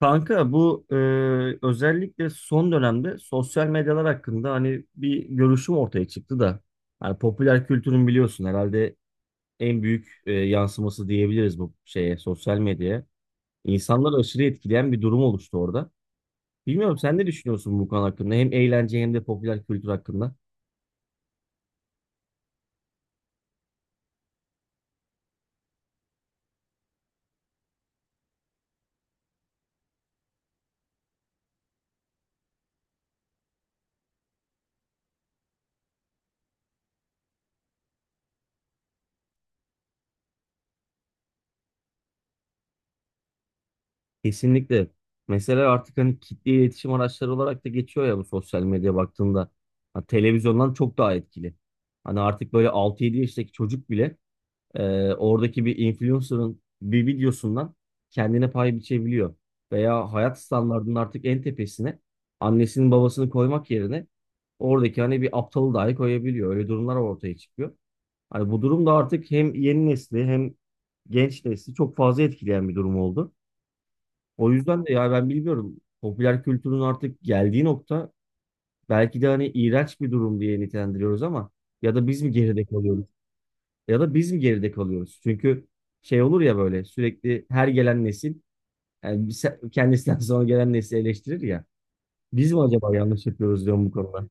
Kanka bu özellikle son dönemde sosyal medyalar hakkında hani bir görüşüm ortaya çıktı da hani popüler kültürün biliyorsun herhalde en büyük yansıması diyebiliriz bu şeye sosyal medyaya. İnsanları aşırı etkileyen bir durum oluştu orada. Bilmiyorum sen ne düşünüyorsun bu konu hakkında hem eğlence hem de popüler kültür hakkında? Kesinlikle. Mesela artık hani kitle iletişim araçları olarak da geçiyor ya bu sosyal medya baktığında. Ha, televizyondan çok daha etkili. Hani artık böyle altı yedi yaştaki çocuk bile oradaki bir influencer'ın bir videosundan kendine pay biçebiliyor. Veya hayat standartının artık en tepesine annesinin babasını koymak yerine oradaki hani bir aptalı dahi koyabiliyor. Öyle durumlar ortaya çıkıyor. Hani bu durum da artık hem yeni nesli hem genç nesli çok fazla etkileyen bir durum oldu. O yüzden de ya ben bilmiyorum popüler kültürün artık geldiği nokta belki de hani iğrenç bir durum diye nitelendiriyoruz ama ya da biz mi geride kalıyoruz? Çünkü şey olur ya böyle sürekli her gelen nesil yani kendisinden sonra gelen nesli eleştirir ya. Biz mi acaba yanlış yapıyoruz diyorum bu konuda.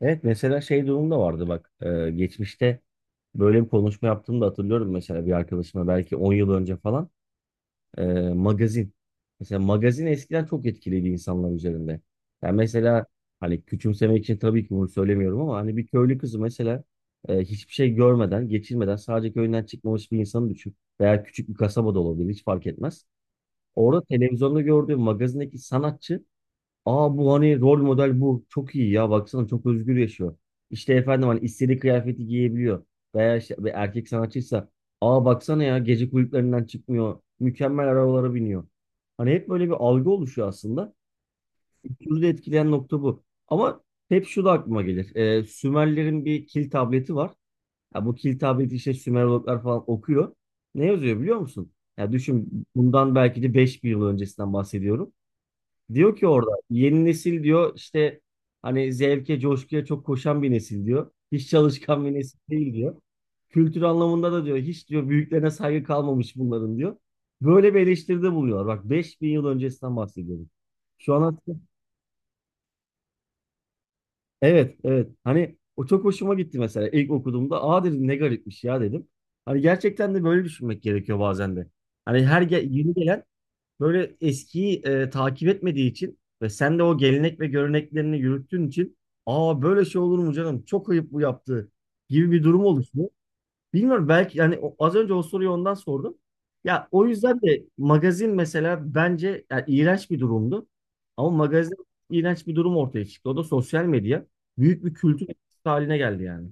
Evet, mesela şey durumda vardı bak geçmişte böyle bir konuşma yaptığımda hatırlıyorum mesela bir arkadaşıma belki 10 yıl önce falan. e, Magazin. Mesela magazin eskiden çok etkiledi insanlar üzerinde. Yani mesela hani küçümsemek için tabii ki bunu söylemiyorum ama hani bir köylü kızı mesela hiçbir şey görmeden, geçirmeden sadece köyünden çıkmamış bir insanı düşün. Veya küçük bir kasaba da olabilir, hiç fark etmez. Orada televizyonda gördüğü magazindeki sanatçı, aa bu hani rol model bu. Çok iyi ya baksana, çok özgür yaşıyor. İşte efendim hani istediği kıyafeti giyebiliyor. Veya işte bir erkek sanatçıysa aa baksana ya, gece kulüplerinden çıkmıyor. Mükemmel arabalara biniyor. Hani hep böyle bir algı oluşuyor aslında. Kültürü de etkileyen nokta bu. Ama hep şu da aklıma gelir. Sümerlerin bir kil tableti var. Ya bu kil tableti işte Sümerologlar falan okuyor. Ne yazıyor biliyor musun? Ya düşün, bundan belki de 5000 yıl öncesinden bahsediyorum. Diyor ki orada yeni nesil diyor işte hani zevke, coşkuya çok koşan bir nesil diyor. Hiç çalışkan bir nesil değil diyor. Kültür anlamında da diyor hiç diyor büyüklerine saygı kalmamış bunların diyor. Böyle bir eleştiride buluyor. Bak, 5000 yıl öncesinden bahsediyorum. Şu an aslında evet, evet, hani o çok hoşuma gitti mesela ilk okuduğumda aa dedim ne garipmiş ya dedim. Hani gerçekten de böyle düşünmek gerekiyor bazen de. Hani yeni gelen böyle eskiyi takip etmediği için ve sen de o gelenek ve göreneklerini yürüttüğün için aa böyle şey olur mu canım çok ayıp bu yaptığı gibi bir durum oluşuyor. Bilmiyorum belki yani az önce o soruyu ondan sordum. Ya o yüzden de magazin mesela bence yani iğrenç bir durumdu. Ama magazin iğrenç bir durum ortaya çıktı. O da sosyal medya. Büyük bir kültür haline geldi yani.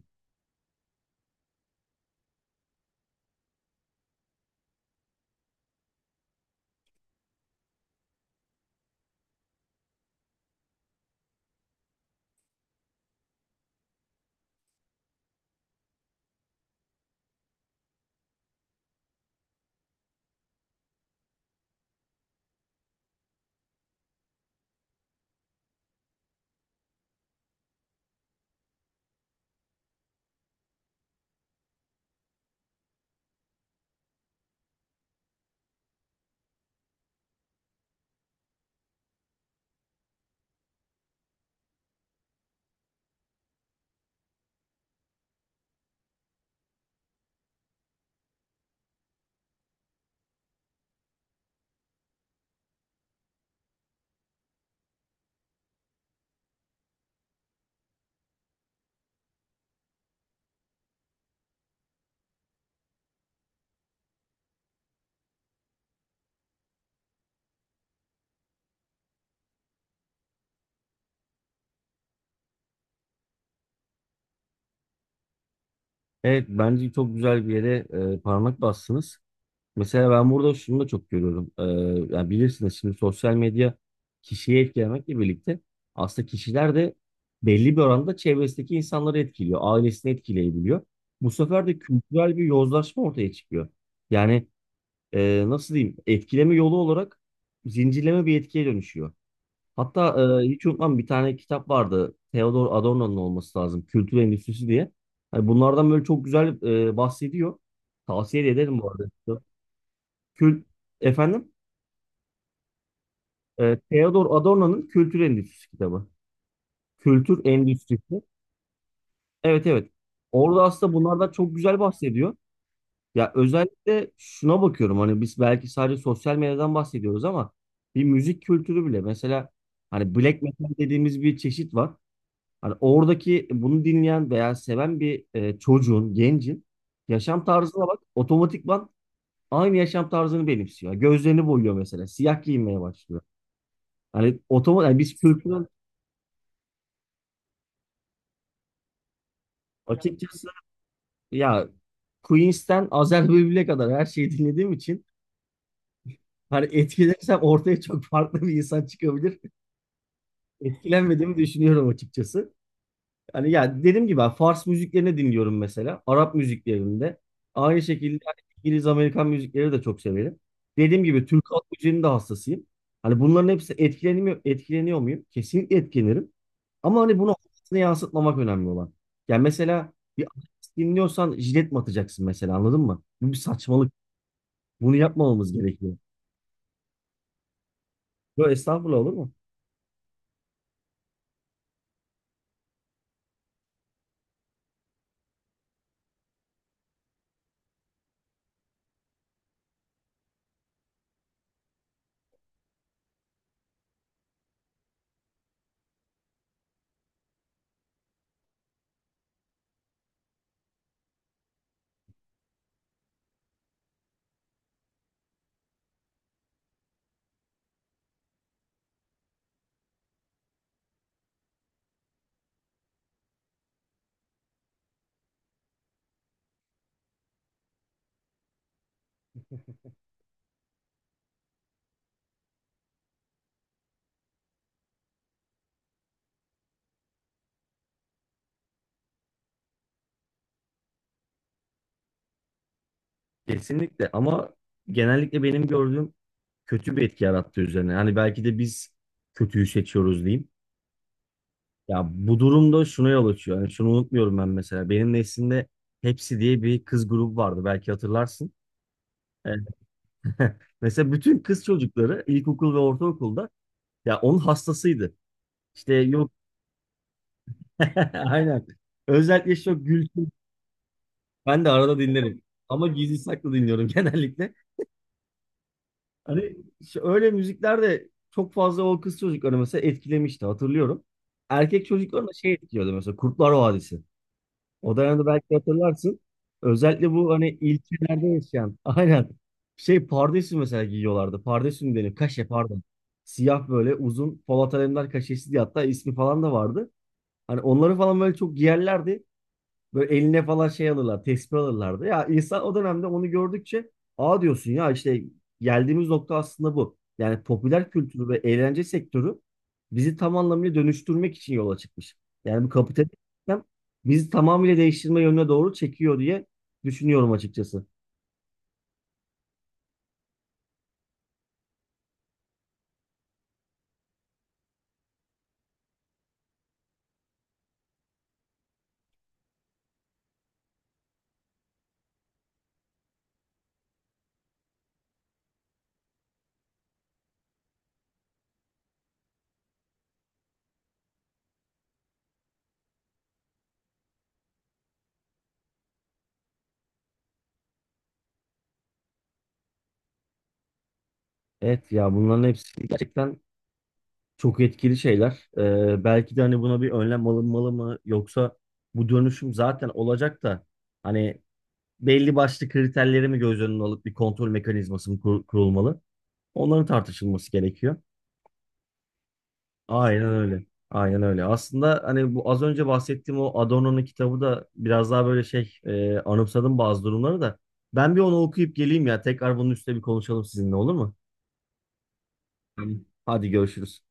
Evet bence çok güzel bir yere parmak bastınız. Mesela ben burada şunu da çok görüyorum. Yani bilirsiniz şimdi sosyal medya kişiye etkilemekle birlikte aslında kişiler de belli bir oranda çevresindeki insanları etkiliyor. Ailesini etkileyebiliyor. Bu sefer de kültürel bir yozlaşma ortaya çıkıyor. Yani nasıl diyeyim, etkileme yolu olarak zincirleme bir etkiye dönüşüyor. Hatta hiç unutmam bir tane kitap vardı. Theodor Adorno'nun olması lazım. Kültür Endüstrisi diye. Hani bunlardan böyle çok güzel bahsediyor. Tavsiye de ederim bu arada. Kül Efendim, Theodor Adorno'nun Kültür Endüstrisi kitabı. Kültür Endüstrisi. Evet, evet. Orada aslında bunlardan çok güzel bahsediyor. Ya özellikle şuna bakıyorum, hani biz belki sadece sosyal medyadan bahsediyoruz ama bir müzik kültürü bile mesela hani black metal dediğimiz bir çeşit var. Hani oradaki bunu dinleyen veya seven bir çocuğun, gencin yaşam tarzına bak otomatikman aynı yaşam tarzını benimsiyor. Gözlerini boyuyor mesela. Siyah giyinmeye başlıyor. Hani otomatik, yani biz kültürel açıkçası ya Queens'ten Azer Bülbül'e kadar her şeyi dinlediğim için hani etkilensem ortaya çok farklı bir insan çıkabilir. Etkilenmediğimi düşünüyorum açıkçası. Hani ya dediğim gibi ben Fars müziklerini dinliyorum mesela. Arap müziklerinde. Aynı şekilde hani İngiliz Amerikan müzikleri de çok severim. Dediğim gibi Türk halk müziğinin de hassasıyım. Hani bunların hepsi etkileniyor, etkileniyor muyum? Kesinlikle etkilenirim. Ama hani bunu hayatına yansıtmamak önemli olan. Yani mesela bir artist dinliyorsan jilet mi atacaksın mesela, anladın mı? Bu bir saçmalık. Bunu yapmamamız gerekiyor. Böyle estağfurullah olur mu? Kesinlikle, ama genellikle benim gördüğüm kötü bir etki yarattı üzerine. Hani belki de biz kötüyü seçiyoruz diyeyim. Ya bu durumda şuna yol açıyor. Yani şunu unutmuyorum ben mesela. Benim neslimde Hepsi diye bir kız grubu vardı. Belki hatırlarsın. Evet. Mesela bütün kız çocukları ilkokul ve ortaokulda ya onun hastasıydı. İşte yok. Aynen. Özellikle çok gülçin. Ben de arada dinlerim. Ama gizli saklı dinliyorum genellikle. Hani öyle müzikler de çok fazla o kız çocukları mesela etkilemişti, hatırlıyorum. Erkek çocukları da şey etkiliyordu mesela Kurtlar Vadisi. O dönemde belki hatırlarsın. Özellikle bu hani ilçelerde yaşayan. Aynen. Şey pardesü mesela giyiyorlardı. Pardesü mü denir? Kaşe, pardon. Siyah böyle uzun Polat Alemdar kaşesi diye hatta ismi falan da vardı. Hani onları falan böyle çok giyerlerdi. Böyle eline falan şey alırlar, tespih alırlardı. Ya insan o dönemde onu gördükçe aa diyorsun ya işte geldiğimiz nokta aslında bu. Yani popüler kültürü ve eğlence sektörü bizi tam anlamıyla dönüştürmek için yola çıkmış. Yani bu kapitalist sistem bizi tamamıyla değiştirme yönüne doğru çekiyor diye düşünüyorum açıkçası. Evet ya bunların hepsi gerçekten çok etkili şeyler. Belki de hani buna bir önlem alınmalı mı, yoksa bu dönüşüm zaten olacak da hani belli başlı kriterleri mi göz önüne alıp bir kontrol mekanizması mı kurulmalı? Onların tartışılması gerekiyor. Aynen öyle. Aynen öyle. Aslında hani bu az önce bahsettiğim o Adorno'nun kitabı da biraz daha böyle şey anımsadım bazı durumları da. Ben bir onu okuyup geleyim ya. Tekrar bunun üstüne bir konuşalım sizinle, olur mu? Tamam. Hadi görüşürüz.